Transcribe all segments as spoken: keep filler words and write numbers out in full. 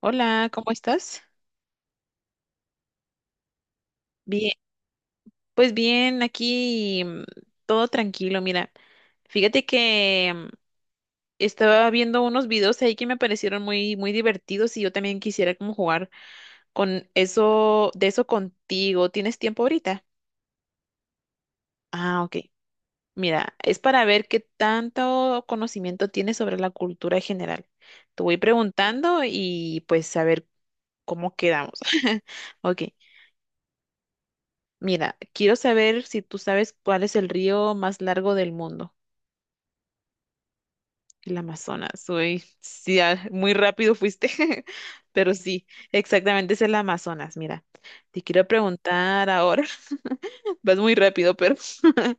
Hola, ¿cómo estás? Bien, pues bien, aquí mm, todo tranquilo. Mira, fíjate que mm, estaba viendo unos videos ahí que me parecieron muy, muy divertidos y yo también quisiera como jugar con eso, de eso contigo. ¿Tienes tiempo ahorita? Ah, ok. Mira, es para ver qué tanto conocimiento tienes sobre la cultura en general. Te voy preguntando y pues a ver cómo quedamos. Ok. Mira, quiero saber si tú sabes cuál es el río más largo del mundo, el Amazonas. Uy, sí, ah, muy rápido fuiste, pero sí, exactamente es el Amazonas. Mira, te quiero preguntar ahora, vas muy rápido, pero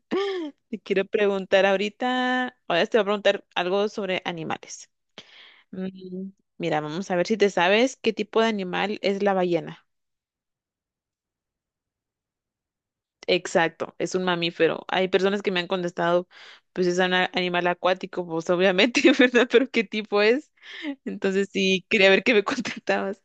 te quiero preguntar ahorita, ahora te voy a preguntar algo sobre animales. Mm, Mira, vamos a ver si te sabes qué tipo de animal es la ballena. Exacto, es un mamífero. Hay personas que me han contestado, pues es un a- animal acuático, pues obviamente, ¿verdad? Pero ¿qué tipo es? Entonces sí, quería ver qué me contestabas.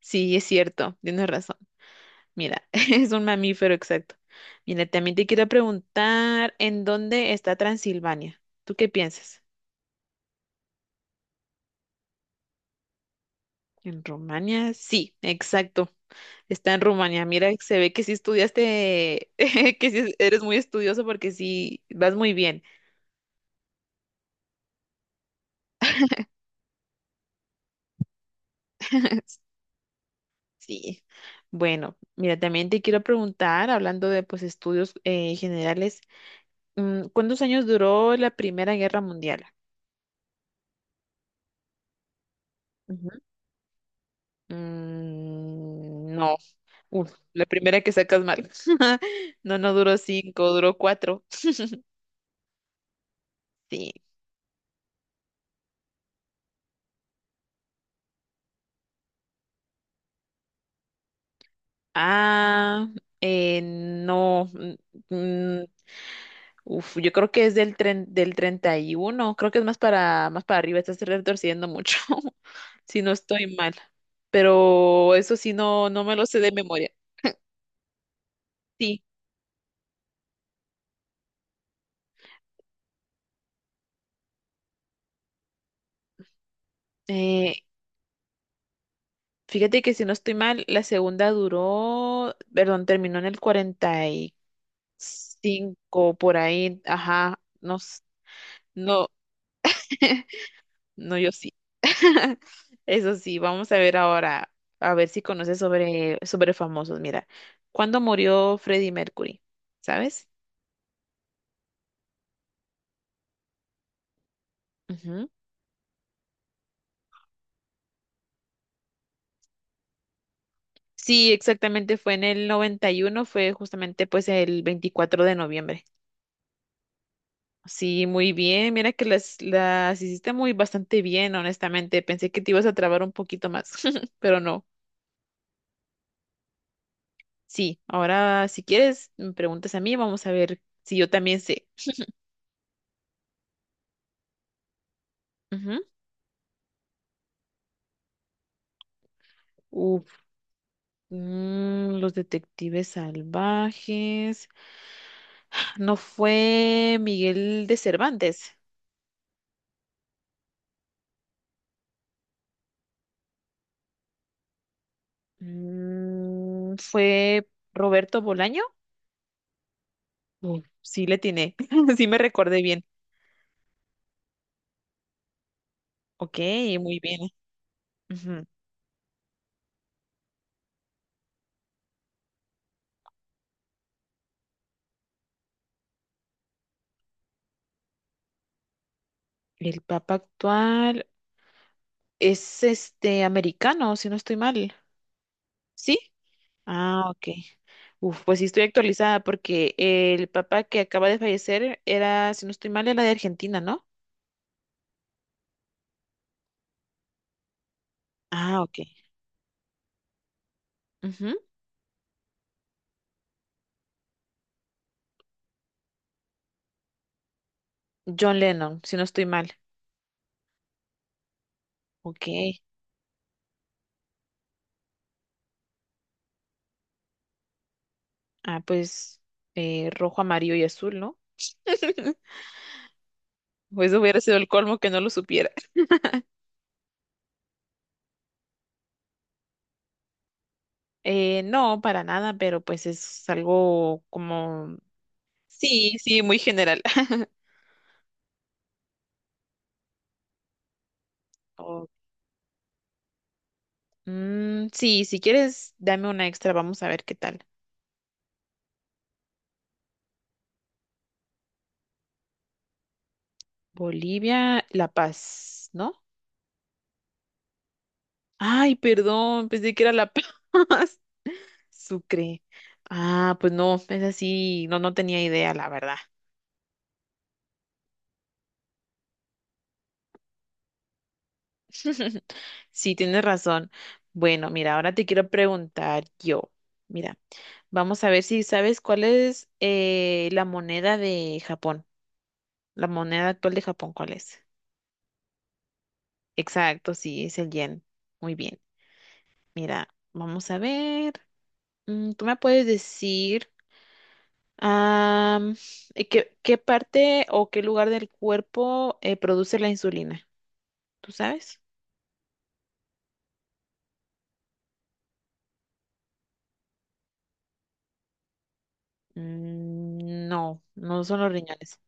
Sí, es cierto, tienes razón. Mira, es un mamífero, exacto. Mira, también te quiero preguntar, ¿en dónde está Transilvania? ¿Tú qué piensas? ¿En Rumania? Sí, exacto. Está en Rumania. Mira, se ve que sí estudiaste, que sí eres muy estudioso porque sí, vas muy bien. Sí. Bueno, mira, también te quiero preguntar, hablando de pues estudios eh, generales, mm, ¿cuántos años duró la Primera Guerra Mundial? Ujú. Mm, no. Uf, la primera que sacas mal. No, no duró cinco, duró cuatro. Sí. Ah, eh, no. mm, mm, Uf, yo creo que es del tren, del treinta y uno. Creo que es más para, más para arriba, estás retorciendo mucho, si no estoy mal. Pero eso sí, no, no me lo sé de memoria. Sí, eh, fíjate que si no estoy mal, la segunda duró, perdón, terminó en el cuarenta y cinco por ahí, ajá, no, s- no. No, yo sí. Eso sí, vamos a ver ahora, a ver si conoces sobre, sobre famosos. Mira, ¿cuándo murió Freddie Mercury? ¿Sabes? Ujú. Sí, exactamente, fue en el noventa y uno, fue justamente pues el veinticuatro de noviembre. Sí, muy bien, mira que las, las hiciste muy bastante bien, honestamente. Pensé que te ibas a trabar un poquito más, pero no. Sí, ahora si quieres, me preguntas a mí, vamos a ver si yo también sé. Ujú. Mm, los detectives salvajes. No fue Miguel de Cervantes. Mm, fue Roberto Bolaño. Uf, sí le tiene, sí me recordé bien. Ok, muy bien. Ujú. El Papa actual es este americano, si no estoy mal. ¿Sí? Ah, ok. Uf, pues sí estoy actualizada porque el Papa que acaba de fallecer era, si no estoy mal, era de Argentina, ¿no? Ah, ok. Ujú. John Lennon, si no estoy mal. Ok. Ah, pues eh, rojo, amarillo y azul, ¿no? Pues hubiera sido el colmo que no lo supiera. Eh, no, para nada, pero pues es algo como... Sí, sí, muy general. Oh, mm, sí, si quieres, dame una extra, vamos a ver qué tal. Bolivia, La Paz, ¿no? Ay, perdón, pensé que era La Paz. Sucre. Ah, pues no, es así, no, no tenía idea, la verdad. Sí, tienes razón. Bueno, mira, ahora te quiero preguntar yo. Mira, vamos a ver si sabes cuál es eh, la moneda de Japón. La moneda actual de Japón, ¿cuál es? Exacto, sí, es el yen. Muy bien. Mira, vamos a ver. Mm, ¿Tú me puedes decir am, eh, qué, qué parte o qué lugar del cuerpo eh, produce la insulina? ¿Tú sabes? Mm, no, no son los riñones.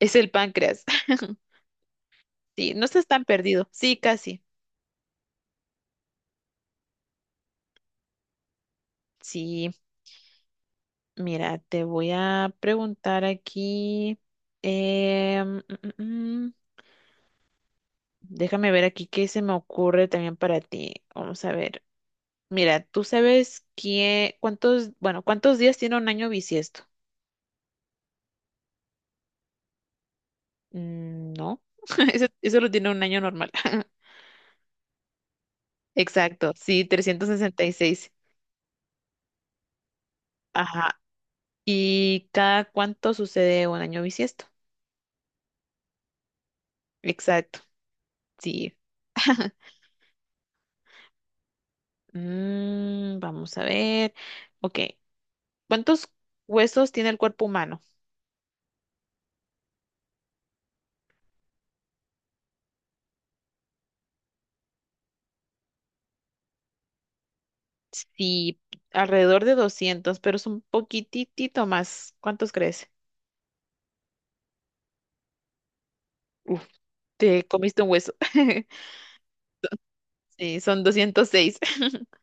Es el páncreas. Sí, no estás tan perdido. Sí, casi. Sí, mira, te voy a preguntar aquí. em, mm, mm, mm, Déjame ver aquí qué se me ocurre también para ti. Vamos a ver. Mira, ¿tú sabes qué, cuántos, bueno, cuántos días tiene un año bisiesto? Mm, no, eso, eso lo tiene un año normal. Exacto, sí, trescientos sesenta y seis. Ajá. ¿Y cada cuánto sucede un año bisiesto? Exacto, sí. Mm, vamos a ver. Ok. ¿Cuántos huesos tiene el cuerpo humano? Sí, alrededor de doscientos, pero es un poquitito más. ¿Cuántos crees? Uf, te comiste un hueso. Sí, son doscientos seis.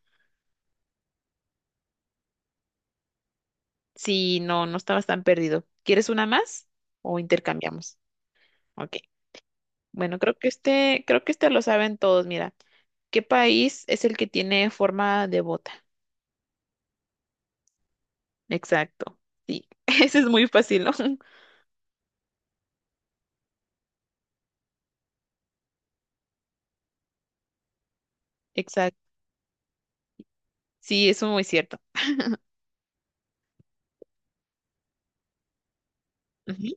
Sí, no, no estabas tan perdido. ¿Quieres una más o intercambiamos? Ok. Bueno, creo que este, creo que este lo saben todos. Mira, ¿qué país es el que tiene forma de bota? Exacto. Sí, ese es muy fácil, ¿no? Exacto. Sí, eso es muy cierto. Ujú.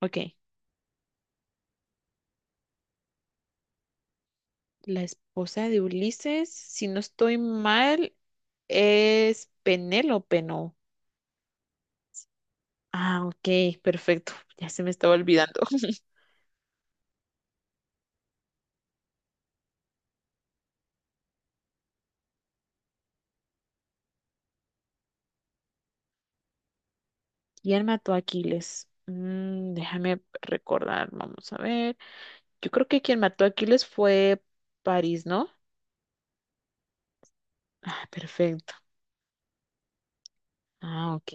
Ok. La esposa de Ulises, si no estoy mal, es Penélope, ¿no? Ah, ok, perfecto. Ya se me estaba olvidando. ¿Quién mató a Aquiles? Mm, déjame recordar, vamos a ver. Yo creo que quien mató a Aquiles fue París, ¿no? Ah, perfecto. Ah, ok.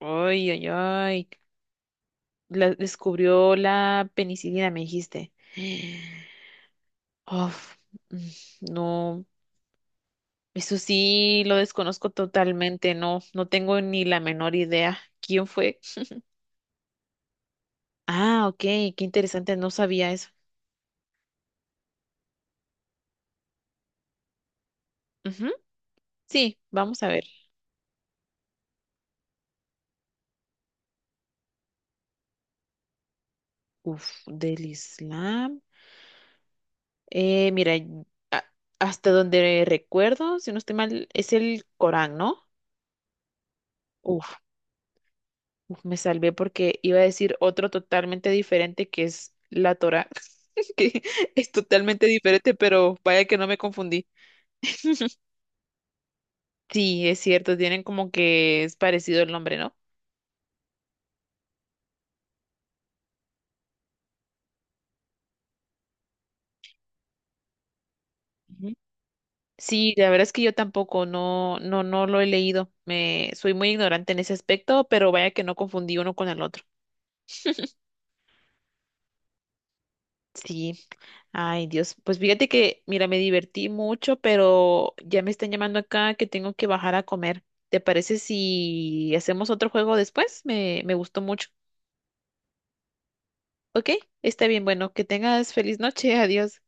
Ay, ay, ay. La, descubrió la penicilina, me dijiste. Uf, mm, no. Eso sí, lo desconozco totalmente, no, no tengo ni la menor idea. ¿Quién fue? Ah, ok, qué interesante, no sabía eso. Ujú. Sí, vamos a ver. Uf, del Islam. Eh, mira, y- a- hasta donde recuerdo, si no estoy mal, es el Corán, ¿no? Uf, uf, me salvé porque iba a decir otro totalmente diferente que es la Torá, que es totalmente diferente, pero vaya que no me confundí. Sí, es cierto, tienen como que es parecido el nombre, ¿no? Ujú. Sí, la verdad es que yo tampoco, no, no, no lo he leído. Me, soy muy ignorante en ese aspecto, pero vaya que no confundí uno con el otro. Sí, ay Dios, pues fíjate que, mira, me divertí mucho, pero ya me están llamando acá que tengo que bajar a comer. ¿Te parece si hacemos otro juego después? Me, me gustó mucho. Ok, está bien, bueno, que tengas feliz noche, adiós.